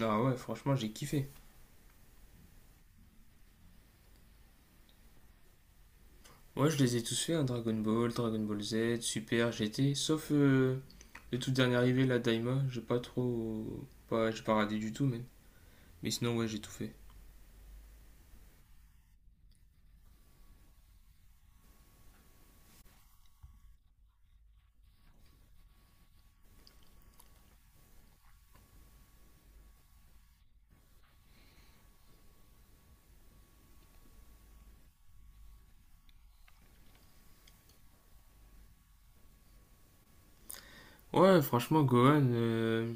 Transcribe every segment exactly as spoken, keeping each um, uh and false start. Ah ouais, franchement, j'ai kiffé. Ouais, je les ai tous fait, hein, Dragon Ball, Dragon Ball Z, Super, G T, sauf euh, le tout dernier arrivé, la Daima, j'ai pas trop. Pas, J'ai pas radé du tout, même. Mais sinon, ouais, j'ai tout fait. Ouais, franchement, Gohan, euh,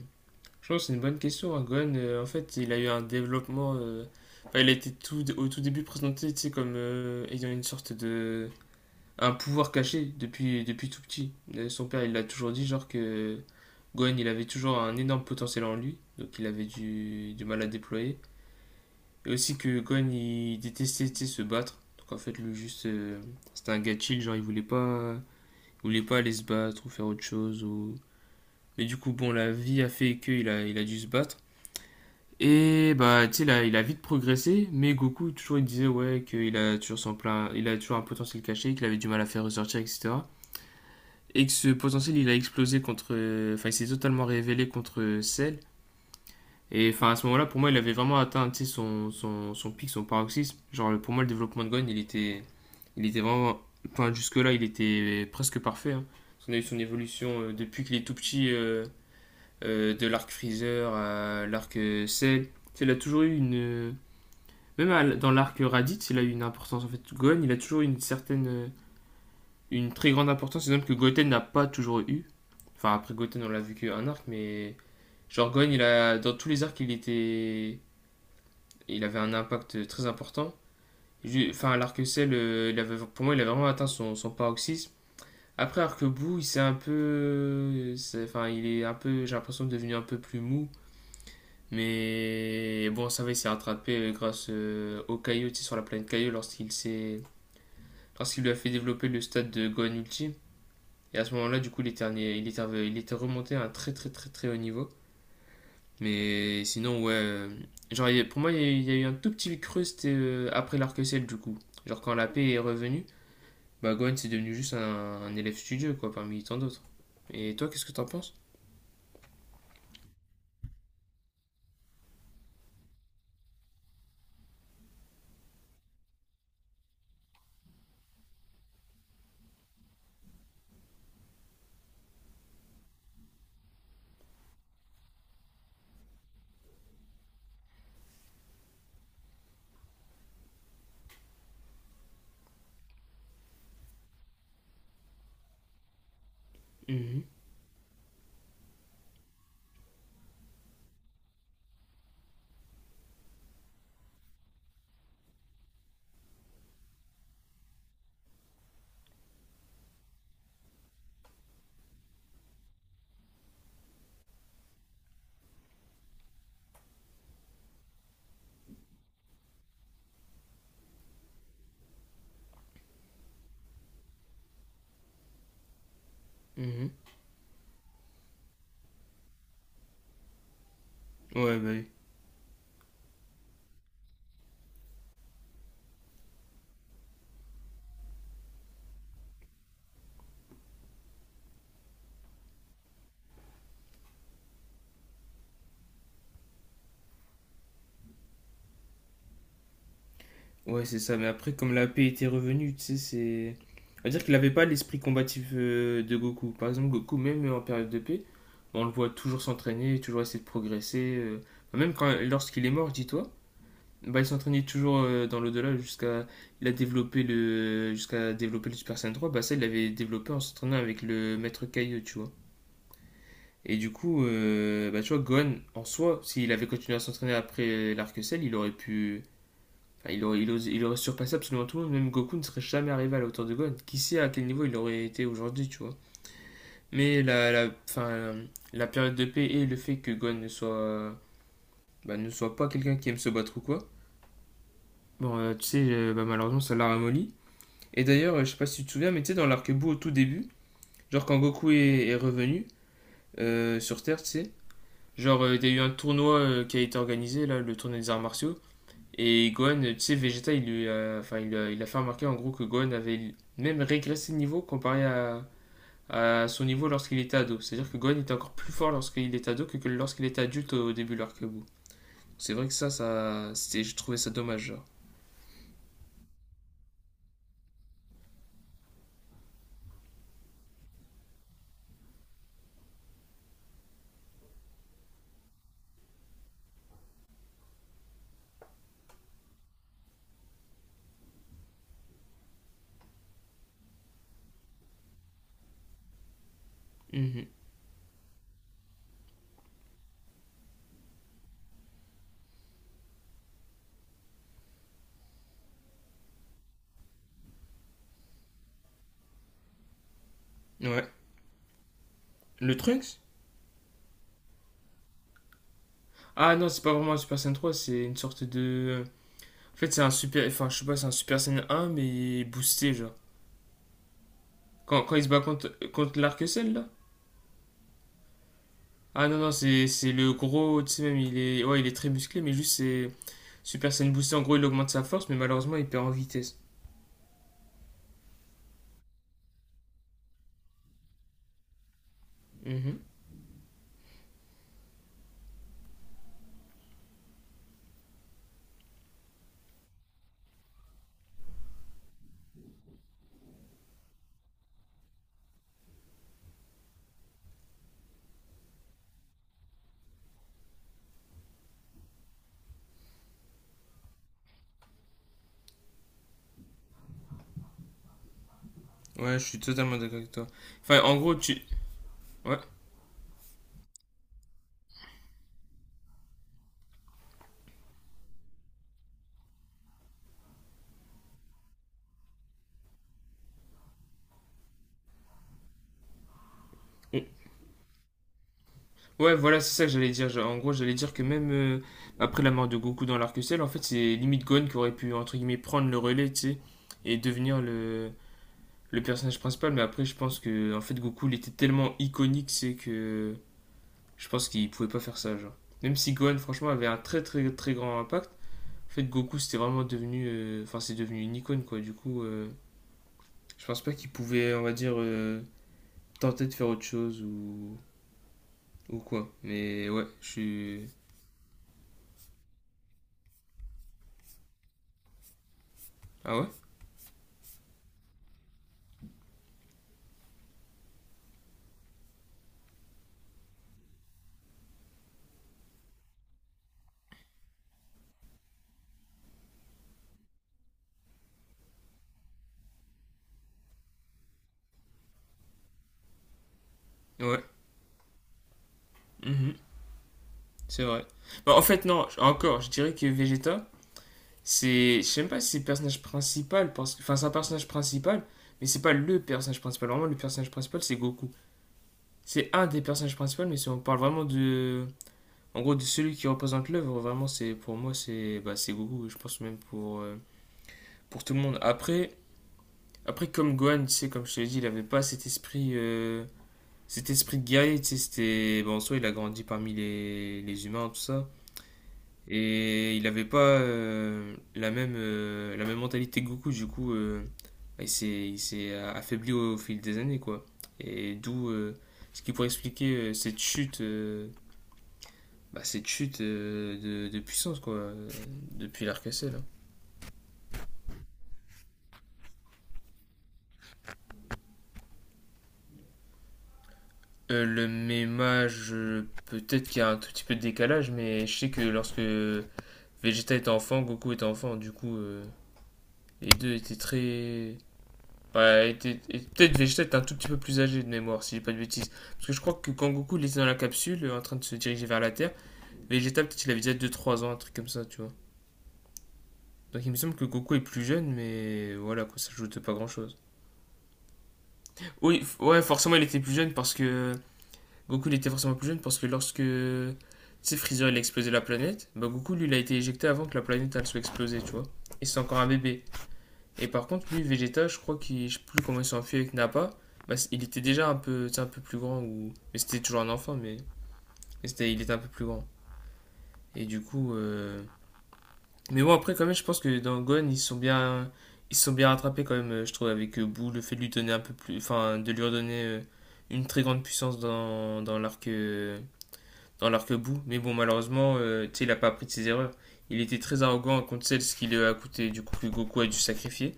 je pense que c'est une bonne question. hein. Gohan, euh, en fait, il a eu un développement. Euh, enfin, il a été tout, au tout début présenté, tu sais, comme euh, ayant une sorte de un pouvoir caché depuis, depuis tout petit. Euh, Son père, il l'a toujours dit, genre que Gohan, il avait toujours un énorme potentiel en lui, donc il avait du, du mal à déployer. Et aussi que Gohan, il détestait tu sais, se battre. Donc en fait, lui, juste, euh, c'était un gars chill, genre il voulait pas, il voulait pas aller se battre ou faire autre chose. Ou. Mais du coup, bon, la vie a fait qu'il a, il a dû se battre. Et bah, tu sais, là, il a vite progressé, mais Goku, toujours, il disait, ouais, qu'il a toujours son plein, il a toujours un potentiel caché, qu'il avait du mal à faire ressortir, et cetera Et que ce potentiel il a explosé contre. Enfin, il s'est totalement révélé contre Cell. Et enfin, à ce moment-là, pour moi, il avait vraiment atteint tu sais, son, son, son pic, son paroxysme. Genre, pour moi, le développement de Gon, il était, il était vraiment. Enfin, jusque-là, il était presque parfait. hein. On a eu son évolution euh, depuis qu'il est tout petit, euh, euh, de l'arc Freezer à l'arc euh, Cell. Tu il a toujours eu une. Même à- dans l'arc Raditz, il a eu une importance en fait. Gon, il a toujours eu une certaine. euh, Une très grande importance, exemple que Goten n'a pas toujours eu. Enfin, après Goten, on l'a vu qu'un arc, mais genre Gon, il a, dans tous les arcs, il était, il avait un impact très important. Enfin, l'arc Cell, euh, il avait, pour moi, il a vraiment atteint son, son paroxysme. Après, arc Bou, il s'est un peu, c'est- enfin, il est un peu, j'ai l'impression devenu un peu plus mou. Mais bon, ça va, il s'est rattrapé euh, grâce euh, au Kaio, tu sais, sur la planète Kaio, lorsqu'il s'est, lorsqu'il lui a fait développer le stade de Gohan Ultime. Et à ce moment-là, du coup, il était, il, était, il était remonté à un très très très très haut niveau. Mais sinon, ouais. euh, Genre, pour moi, il y a eu un tout petit creux, c'était euh, après larc ciel du coup. Genre, quand la paix est revenue, bah, Gwen, c'est devenu juste un, un élève studieux, quoi, parmi tant d'autres. Et toi, qu'est-ce que t'en penses? Mhm, mhm. Ouais, bah oui. Ouais, c'est ça. Mais après, comme la paix était revenue, tu sais, c'est. On va dire qu'il n'avait pas l'esprit combatif euh, de Goku. Par exemple, Goku, même en période de paix, on le voit toujours s'entraîner, toujours essayer de progresser. euh. Enfin, Même quand, lorsqu'il est mort, dis-toi, bah, il s'entraînait toujours euh, dans l'au-delà jusqu'à. Il a développé le. Jusqu'à développer le Super Saiyan trois. Bah, ça, il l'avait développé en s'entraînant avec le Maître Kaio, tu vois. Et du coup, euh, bah, tu vois, Gohan, en soi, s'il avait continué à s'entraîner après euh, l'arc Cell, il aurait pu Enfin, il, aurait, il, os- il aurait surpassé absolument tout le monde, même Goku ne serait jamais arrivé à la hauteur de Gohan. Qui sait à quel niveau il aurait été aujourd'hui, tu vois. Mais la, la, fin la période de paix et le fait que Gohan ne soit, euh, bah, ne soit pas quelqu'un qui aime se battre ou quoi, bon, euh, tu sais, euh, bah, malheureusement, ça l'a ramolli. Et d'ailleurs, euh, je sais pas si tu te souviens, mais tu sais, dans l'arc Buu au tout début, genre quand Goku est, est revenu euh, sur Terre, tu sais, genre euh, il euh, y a eu un tournoi euh, qui a été organisé, là, le tournoi des arts martiaux. Et Gohan, tu sais, Vegeta, il lui a, enfin, il a, il a fait remarquer en gros que Gohan avait même régressé de niveau comparé à, à son niveau lorsqu'il était ado. C'est-à-dire que Gohan était encore plus fort lorsqu'il était ado que, que lorsqu'il était adulte au début de l'arc-bout. C'est vrai que ça, ça c'était, je trouvais ça dommage, genre. Mhm. Ouais. Le Trunks. Ah non, c'est pas vraiment un Super Saiyan trois, c'est une sorte de. En fait, c'est un Super. Enfin, je sais pas, c'est un Super Saiyan un mais boosté, genre. Quand, quand il se bat contre, contre l'arc-ciel, là. Ah non, non, c'est c'est le gros, tu sais même, il est, ouais, il est très musclé, mais juste c'est Super Saiyan Boosté, en gros, il augmente sa force, mais malheureusement, il perd en vitesse. Mhm. Ouais, je suis totalement d'accord avec toi. Enfin, en gros, tu. Ouais, ouais voilà, c'est ça que j'allais dire. En gros, j'allais dire que même euh, après la mort de Goku dans l'arc-ciel, en fait, c'est limite Gon qui aurait pu, entre guillemets, prendre le relais, tu sais, et devenir le, le personnage principal. Mais après, je pense que, en fait, Goku, il était tellement iconique, c'est que je pense qu'il pouvait pas faire ça, genre. Même si Gon, franchement, avait un très, très, très grand impact. En fait, Goku, c'était vraiment devenu. euh, Enfin, euh, c'est devenu une icône, quoi. Du coup, euh, je pense pas qu'il pouvait, on va dire, euh, tenter de faire autre chose ou, ou, quoi. Mais ouais, je suis. Ah ouais? Ouais, mhm, c'est vrai. Bah, en fait, non, encore, je dirais que Vegeta, c'est. Je sais même pas si c'est le personnage principal, parce que. Enfin, c'est un personnage principal, mais c'est pas le personnage principal. Vraiment, le personnage principal, c'est Goku. C'est un des personnages principaux, mais si on parle vraiment de. En gros, de celui qui représente l'œuvre, vraiment, c'est pour moi, c'est bah, c'est Goku. Je pense même pour, euh, pour tout le monde. Après, après comme Gohan, tu sais, comme je te l'ai dit, il avait pas cet esprit, euh, cet esprit de guerrier, tu sais, c'était. Bon, en soi, il a grandi parmi les, les humains, tout ça. Et il avait pas euh, la même, euh, la même mentalité que Goku, du coup, euh, il s'est il s'est affaibli au, au fil des années, quoi. Et d'où euh, ce qui pourrait expliquer euh, cette chute, euh, bah, cette chute euh, de, de puissance, quoi, euh, depuis larc là. Euh, le méma, je. Peut-être qu'il y a un tout petit peu de décalage, mais je sais que lorsque Vegeta était enfant, Goku était enfant, du coup, euh, les deux étaient très. Bah, étaient- et Peut-être Vegeta était un tout petit peu plus âgé de mémoire, si j'ai pas de bêtises. Parce que je crois que quand Goku il était dans la capsule, euh, en train de se diriger vers la Terre, Vegeta, peut-être il avait déjà deux trois ans, un truc comme ça, tu vois. Donc il me semble que Goku est plus jeune, mais voilà, quoi, ça joue de pas grand-chose. Oui, f- ouais, forcément il était plus jeune parce que Goku, il était forcément plus jeune parce que lorsque, tu sais, Freezer, il a explosé la planète, bah Goku, lui, il a été éjecté avant que la planète, elle soit explosée, tu vois. Et c'est encore un bébé. Et par contre, lui, Vegeta, je crois qu'il, je sais plus comment il s'est enfui avec Nappa, bah, il était déjà un peu, tu sais, un peu plus grand, ou. Mais c'était toujours un enfant, mais, mais c'était, il était un peu plus grand. Et du coup, euh, mais bon, après, quand même, je pense que dans Gon, ils sont bien, ils sont bien rattrapés quand même, euh, je trouve, avec euh, Boo, le fait de lui donner un peu plus, enfin, de lui redonner euh, une très grande puissance dans, dans l'arc euh, dans l'arc-bout. Mais bon, malheureusement, euh, tu sais, il a pas appris de ses erreurs. Il était très arrogant contre celle ce qui lui a coûté du coup que Goku a dû sacrifier.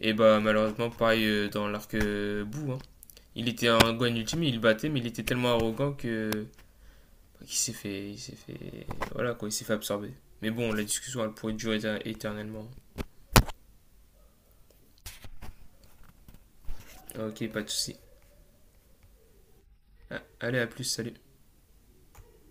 Et bah malheureusement, pareil euh, dans l'arc-bout. hein. Il était un Gohan ultime, il battait, mais il était tellement arrogant que bah, qu'il s'est fait, il s'est fait, voilà quoi, il s'est fait absorber. Mais bon, la discussion elle pourrait durer éternellement. Ok, pas de souci. Ah, allez, à plus, salut.